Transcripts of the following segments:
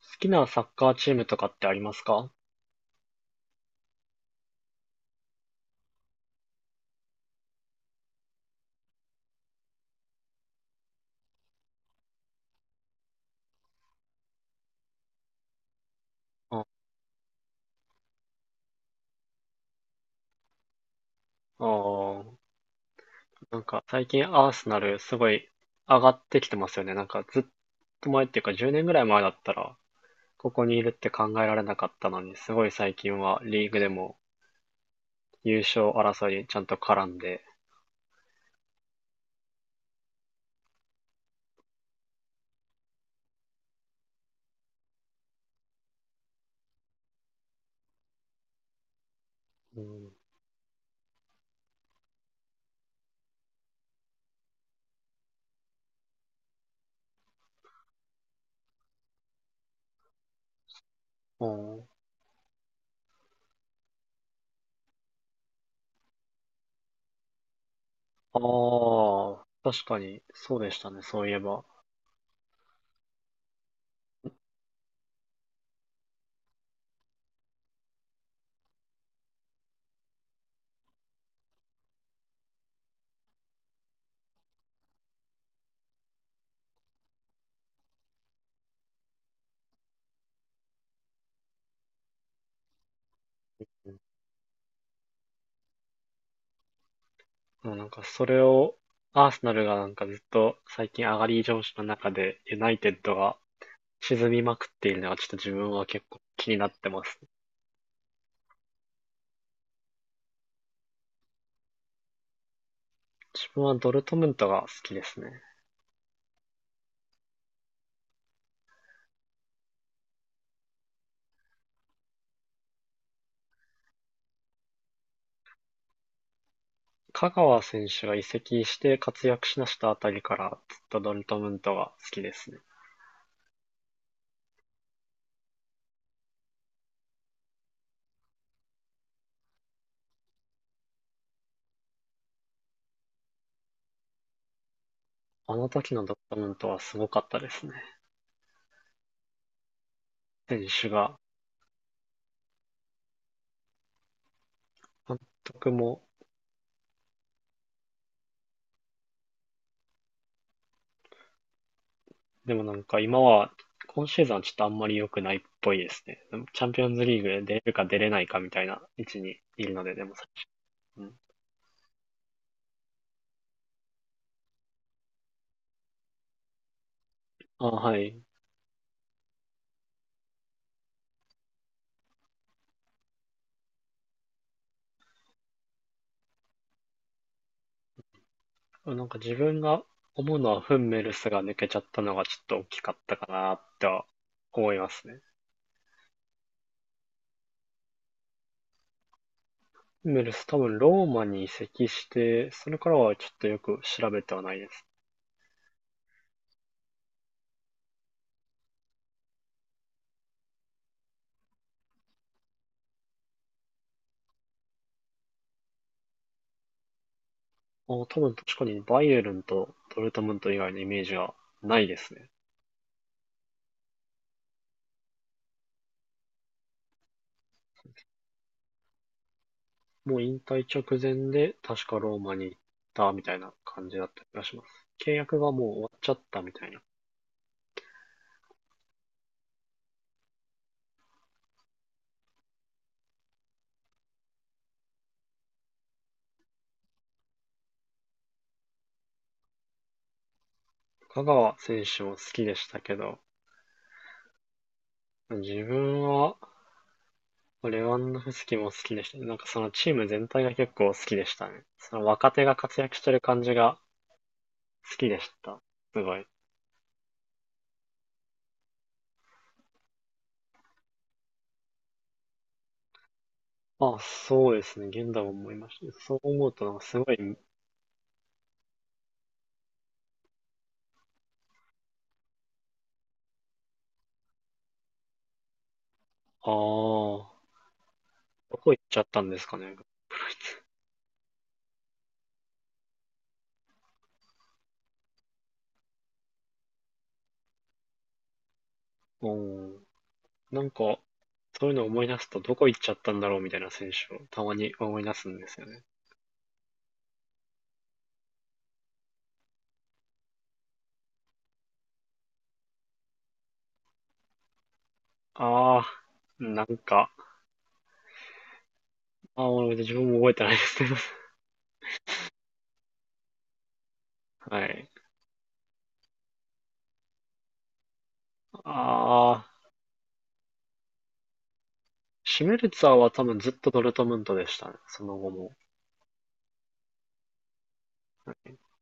好きなサッカーチームとかってありますか？ああー、なんか最近アーセナルすごい上がってきてますよね。なんかずっと前っていうか10年ぐらい前だったらここにいるって考えられなかったのに、すごい最近はリーグでも優勝争いにちゃんと絡んで。うん、うん。ああ、確かにそうでしたね、そういえば。うん。でもなんかそれをアーセナルがなんかずっと最近上がり調子の中でユナイテッドが沈みまくっているのがちょっと自分は結構気になってます。自分はドルトムントが好きですね。香川選手が移籍して活躍しだしたあたりからずっとドルトムントが好きですね。あの時のドルトムントはすごかったですね。選手が、監督も、でもなんか今シーズンはちょっとあんまり良くないっぽいですね。チャンピオンズリーグで出るか出れないかみたいな位置にいるので、でも、うん、あ、はい。なんか自分が思うのはフンメルスが抜けちゃったのがちょっと大きかったかなっては思いますね。フンメルス多分ローマに移籍して、それからはちょっとよく調べてはないです。あ、多分確かにバイエルンとドルトムント以外のイメージがないですね。もう引退直前で確かローマに行ったみたいな感じだった気がします。契約がもう終わっちゃったみたいな。香川選手も好きでしたけど、自分はレワンドフスキも好きでしたね。なんかそのチーム全体が結構好きでしたね。その若手が活躍してる感じが好きでした。すごい。あ、そうですね。現代も思いましたね。そう思うとなんかすごい、ああ、どこ行っちゃったんですかね。うん。なんか、そういうのを思い出すとどこ行っちゃったんだろうみたいな選手をたまに思い出すんですよね。ああ、なんか、ああ、もう自分も覚えてないですけど。はい。ああ。シュメルツァーは多分ずっとドルトムントでしたね。その後も。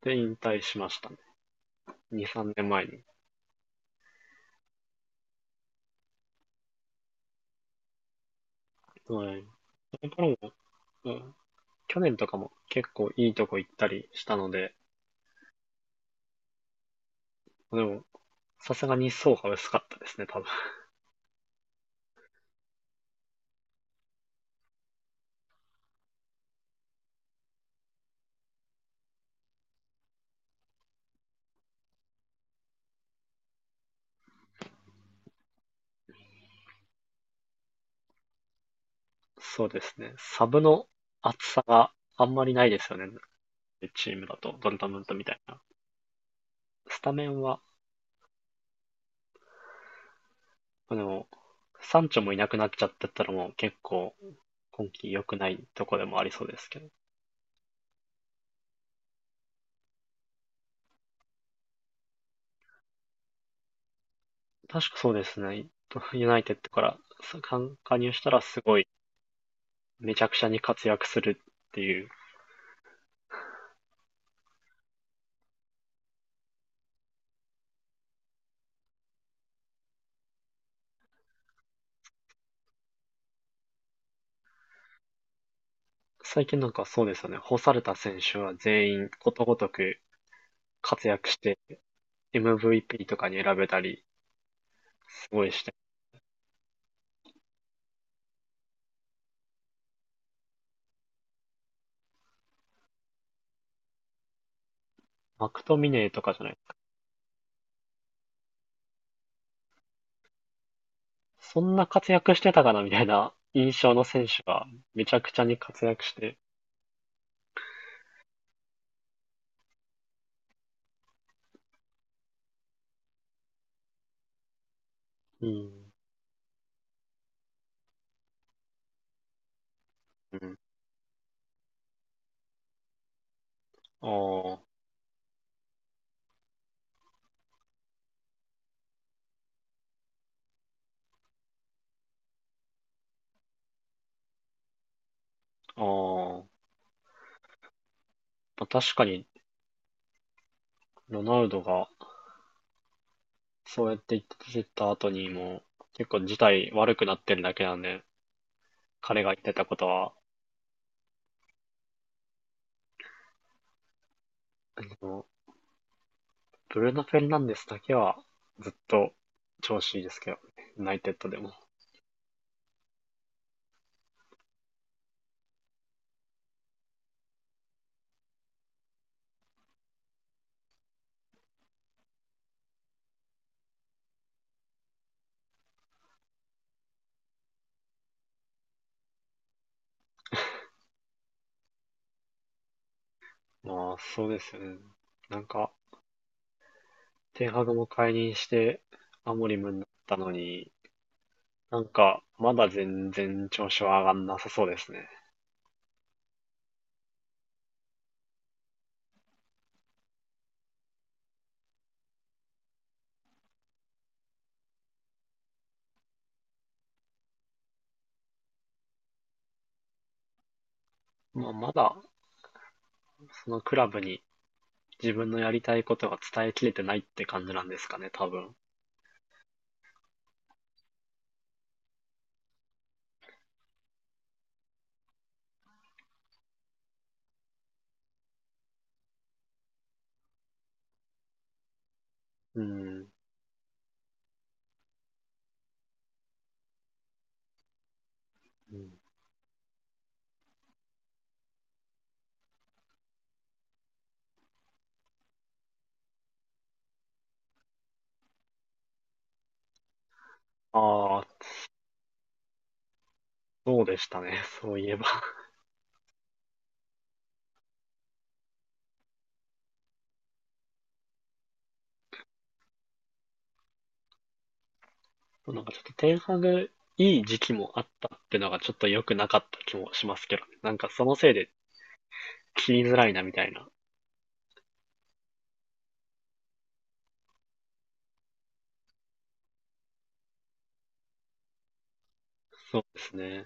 で、引退しましたね。2、3年前に。はい。それからも、うん、去年とかも結構いいとこ行ったりしたので、でも、さすがに層が薄かったですね、多分。そうですね。サブの厚さがあんまりないですよね。チームだと、ドルトムントみたいな。スタメンは、でも、サンチョもいなくなっちゃってたらもう結構今季良くないとこでもありそうですけど。確かそうですね。ユナイテッドから加入したらすごいめちゃくちゃに活躍するっていう。最近なんかそうですよね。干された選手は全員ことごとく活躍して、MVP とかに選べたり、すごいして。マクトミネーとかじゃない、そんな活躍してたかなみたいな印象の選手がめちゃくちゃに活躍して。うん。うん。ああ、ああ。まあ確かに、ロナウドがそうやって言ってた後にも、結構事態悪くなってるだけなんで、彼が言ってたことは、あのブルーノ・フェルナンデスだけはずっと調子いいですけど、ユナイテッドでも。まあ、そうですよね。なんか、テンハグも解任して、アモリムになったのに、なんか、まだ全然調子は上がんなさそうですね。まあ、まだ、そのクラブに自分のやりたいことが伝えきれてないって感じなんですかね、多分。うん。うん。ああ、そうでしたね。そういえば。なんかちょっとテンハグいい時期もあったってのがちょっと良くなかった気もしますけどね。なんかそのせいで切りづらいなみたいな。そうですね。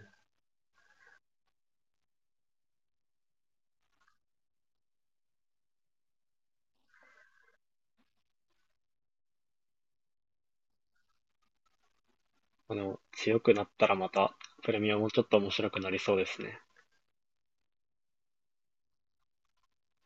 まあの、強くなったらまたプレミアもちょっと面白くなりそうですね。